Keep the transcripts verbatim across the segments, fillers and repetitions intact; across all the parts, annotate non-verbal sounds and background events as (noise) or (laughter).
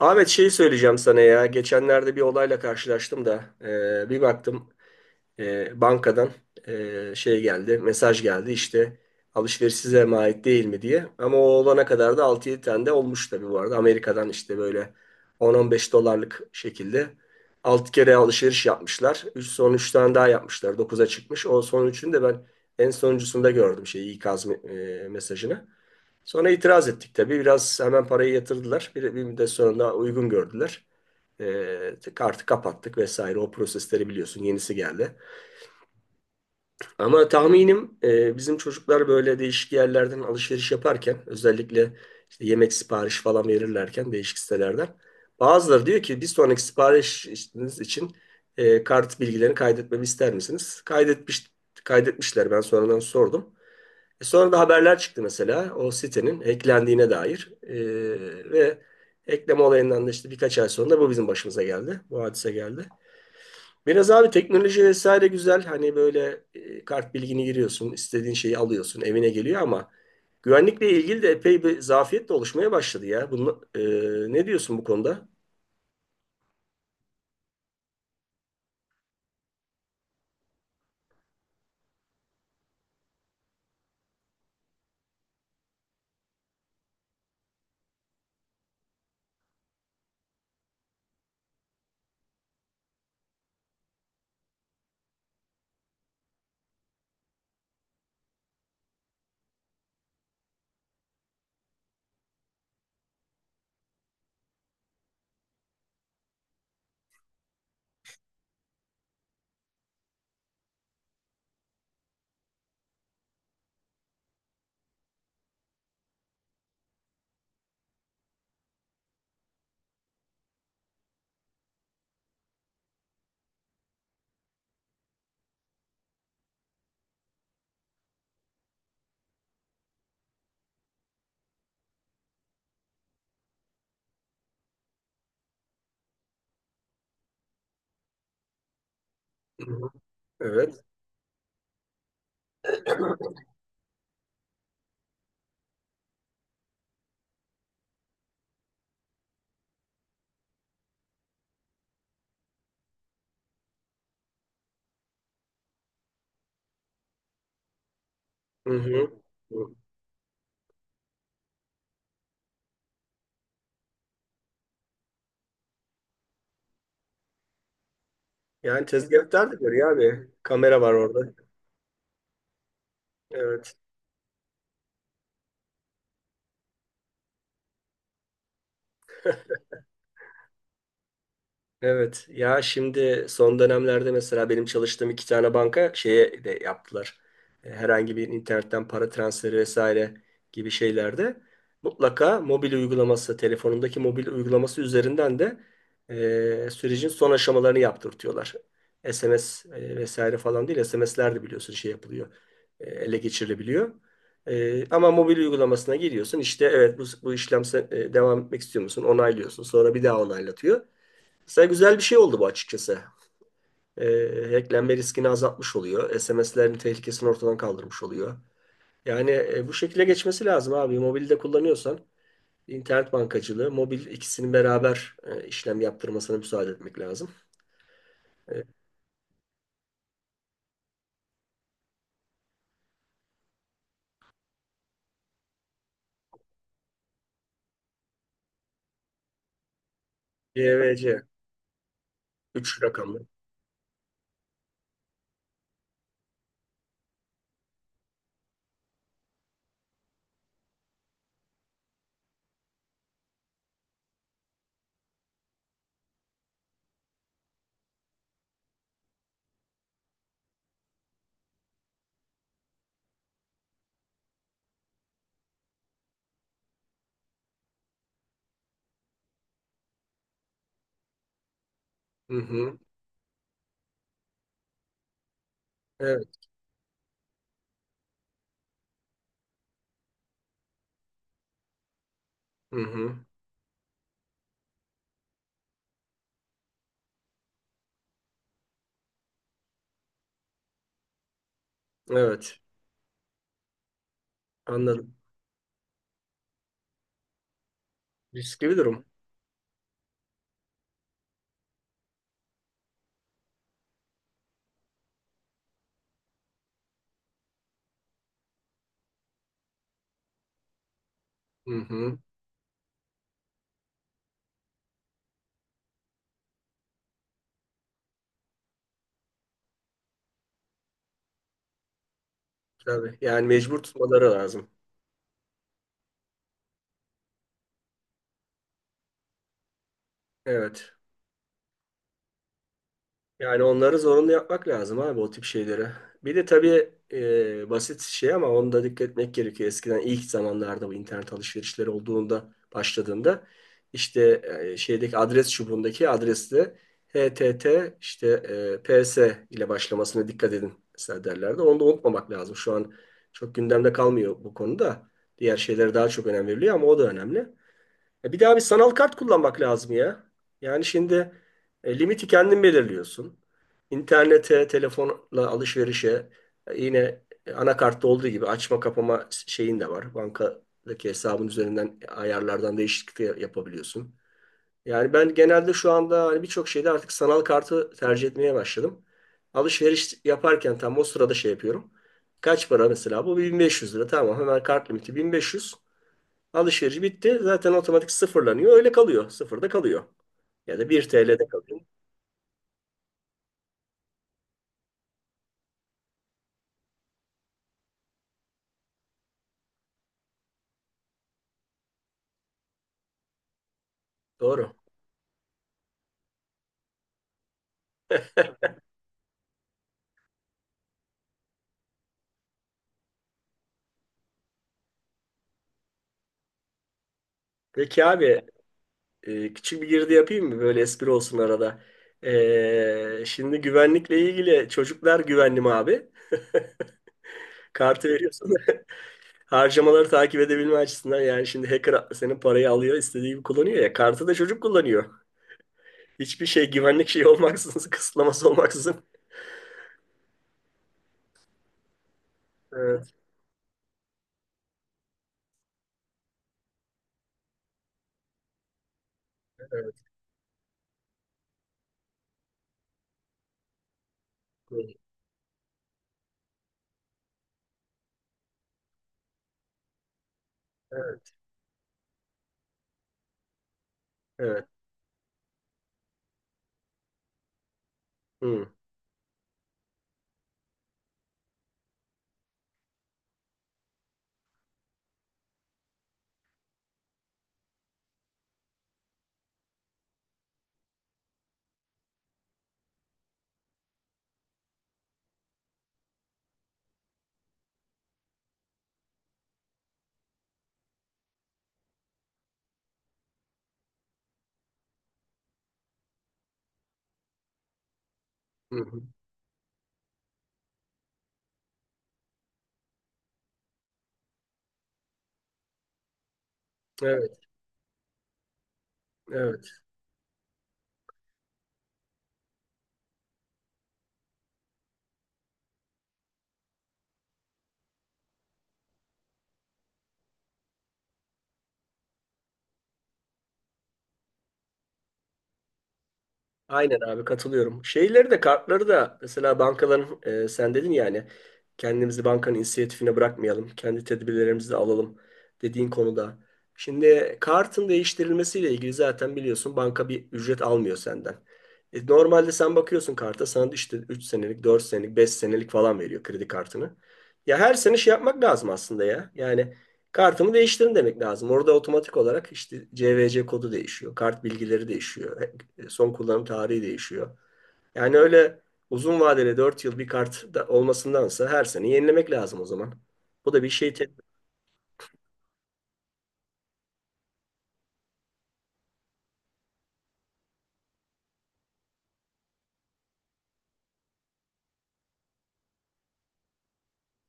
Ahmet şeyi söyleyeceğim sana ya. Geçenlerde bir olayla karşılaştım da e, bir baktım, e, bankadan, e, şey geldi, mesaj geldi işte alışveriş size mi ait değil mi diye. Ama o olana kadar da altı yedi tane de olmuş tabii bu arada. Amerika'dan işte böyle on on beş dolarlık şekilde altı kere alışveriş yapmışlar. Üç, son üç tane daha yapmışlar. Dokuz'a çıkmış. O son üçünü de ben en sonuncusunda gördüm şey ikaz me- e, mesajını. Sonra itiraz ettik tabii. Biraz hemen parayı yatırdılar. Bir, bir müddet sonra da uygun gördüler. E, kartı kapattık vesaire. O prosesleri biliyorsun. Yenisi geldi. Ama tahminim e, bizim çocuklar böyle değişik yerlerden alışveriş yaparken özellikle işte yemek sipariş falan verirlerken değişik sitelerden bazıları diyor ki bir sonraki siparişiniz için e, kart bilgilerini kaydetmemi ister misiniz? Kaydetmiş, kaydetmişler. Ben sonradan sordum. E, Sonra da haberler çıktı mesela o sitenin hacklendiğine dair. E, ve ekleme olayından da işte birkaç ay sonra bu bizim başımıza geldi. Bu hadise geldi. Biraz abi teknoloji vesaire güzel. Hani böyle e, kart bilgini giriyorsun, istediğin şeyi alıyorsun, evine geliyor ama güvenlikle ilgili de epey bir zafiyet de oluşmaya başladı ya. Bunu, e, ne diyorsun bu konuda? Hı hı. Evet. Hı hı. Yani tezgahtar da görüyor abi. Kamera var orada. Evet. Evet ya şimdi son dönemlerde mesela benim çalıştığım iki tane banka şeye de yaptılar. E, Herhangi bir internetten para transferi vesaire gibi şeylerde mutlaka mobil uygulaması, telefonundaki mobil uygulaması üzerinden de e, sürecin son aşamalarını yaptırtıyorlar. S M S e, vesaire falan değil, S M S'ler de biliyorsun şey yapılıyor, e, ele geçirilebiliyor. E, ama mobil uygulamasına giriyorsun işte evet bu, bu işlem sen- e, devam etmek istiyor musun? Onaylıyorsun sonra bir daha onaylatıyor. Mesela güzel bir şey oldu bu açıkçası. Ee, hacklenme riskini azaltmış oluyor. S M S'lerin tehlikesini ortadan kaldırmış oluyor. Yani e, bu şekilde geçmesi lazım abi. Mobilde kullanıyorsan internet bankacılığı, mobil ikisinin beraber e, işlem yaptırmasına müsaade etmek lazım. E, Y V C üç rakamlı. Hı hı. Evet. Hı hı. Evet. Anladım. Riskli bir durum. Hı hı. Tabii. Yani mecbur tutmaları lazım. Evet. Yani onları zorunlu yapmak lazım abi o tip şeyleri. Bir de tabii e, basit şey ama onu da dikkat etmek gerekiyor. Eskiden ilk zamanlarda bu internet alışverişleri olduğunda başladığında işte e, şeydeki adres çubuğundaki adresle H T T işte e, P S ile başlamasına dikkat edin mesela derlerdi. Onu da unutmamak lazım. Şu an çok gündemde kalmıyor bu konuda. Diğer şeylere daha çok önem veriliyor ama o da önemli. E bir de abi sanal kart kullanmak lazım ya. Yani şimdi e, limiti kendin belirliyorsun. İnternete, telefonla alışverişe e, yine e, anakartta olduğu gibi açma kapama şeyin de var. Bankadaki hesabın üzerinden ayarlardan değişiklik de yapabiliyorsun. Yani ben genelde şu anda hani birçok şeyde artık sanal kartı tercih etmeye başladım. Alışveriş yaparken tam o sırada şey yapıyorum. Kaç para mesela? Bu bin beş yüz lira. Tamam, hemen kart limiti bin beş yüz. Alışveriş bitti. Zaten otomatik sıfırlanıyor. Öyle kalıyor. Sıfırda kalıyor. Ya da bir T L'de kalıyor. Doğru. Peki abi e, küçük bir girdi yapayım mı? Böyle espri olsun arada. E, şimdi güvenlikle ilgili çocuklar güvenli mi abi? (laughs) Kartı veriyorsun. (laughs) Harcamaları takip edebilme açısından, yani şimdi hacker senin parayı alıyor istediği gibi kullanıyor ya. Kartı da çocuk kullanıyor. Hiçbir şey güvenlik şeyi olmaksızın, (laughs) kısıtlaması olmaksızın. Evet, evet, evet, evet. Hı, hı, hı. Evet, evet. Aynen abi, katılıyorum. Şeyleri de kartları da mesela bankaların e, sen dedin yani kendimizi bankanın inisiyatifine bırakmayalım. Kendi tedbirlerimizi de alalım dediğin konuda. Şimdi kartın değiştirilmesiyle ilgili zaten biliyorsun banka bir ücret almıyor senden. E, normalde sen bakıyorsun karta sana işte üç senelik, dört senelik, beş senelik falan veriyor kredi kartını. Ya her sene şey yapmak lazım aslında ya. Yani kartımı değiştirin demek lazım. Orada otomatik olarak işte C V C kodu değişiyor, kart bilgileri değişiyor. E, Son kullanım tarihi değişiyor. Yani öyle uzun vadeli dört yıl bir kart da olmasındansa her sene yenilemek lazım o zaman. Bu da bir şey. te-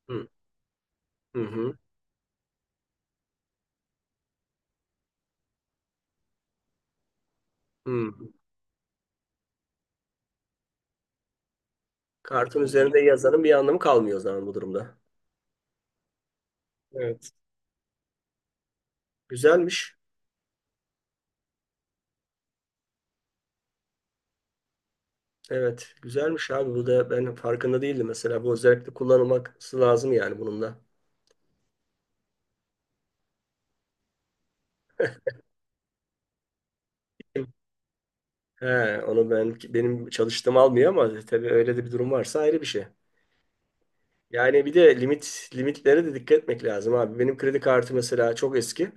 Hı, hı, hı, hı. Kartın üzerinde yazanın bir anlamı kalmıyor o zaman bu durumda. Evet. Güzelmiş. Evet, güzelmiş abi. Bu da ben farkında değildim mesela. Bu özellikle kullanılması lazım yani bunun da. He, onu ben benim çalıştığım almıyor ama tabii öyle de bir durum varsa ayrı bir şey. Yani bir de limit limitlere de dikkat etmek lazım abi. Benim kredi kartı mesela çok eski.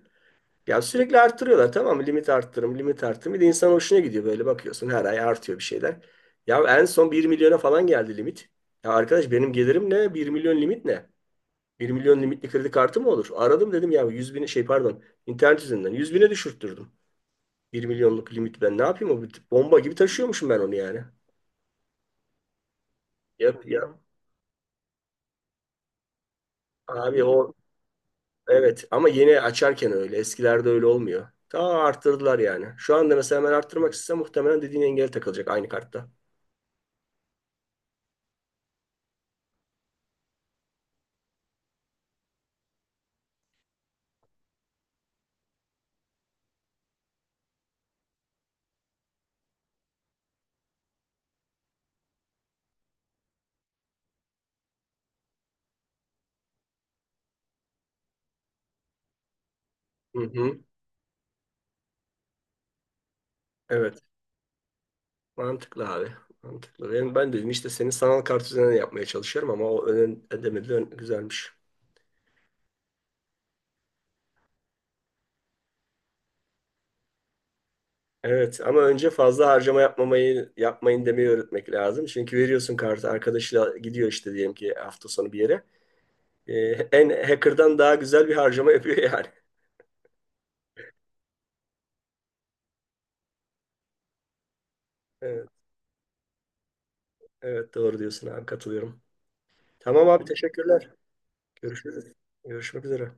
Ya sürekli arttırıyorlar, tamam mı? Limit arttırım, limit arttırım. Bir de insan hoşuna gidiyor, böyle bakıyorsun her ay artıyor bir şeyler. Ya en son bir milyona falan geldi limit. Ya arkadaş, benim gelirim ne? Bir milyon limit ne? Bir milyon limitli kredi kartı mı olur? Aradım dedim ya yüz bin şey pardon, internet üzerinden yüz bine düşürttürdüm. Bir milyonluk limit ben ne yapayım, o bir- bomba gibi taşıyormuşum ben onu yani. Yap ya abi, o evet ama yeni açarken öyle, eskilerde öyle olmuyor. Ta arttırdılar yani. Şu anda mesela ben arttırmak istesem muhtemelen dediğin engel takılacak aynı kartta. Hı hı. Evet, mantıklı abi. Mantıklı. Benim, ben dedim işte senin sanal kart üzerinden yapmaya çalışıyorum ama o ön ödemeli ön- güzelmiş. Evet ama önce fazla harcama yapmamayı, yapmayın demeyi öğretmek lazım. Çünkü veriyorsun kartı, arkadaşıyla gidiyor işte diyelim ki hafta sonu bir yere. Ee, en hacker'dan daha güzel bir harcama yapıyor yani. Evet, evet doğru diyorsun abi, katılıyorum. Tamam abi, teşekkürler. Görüşürüz. Görüşmek üzere.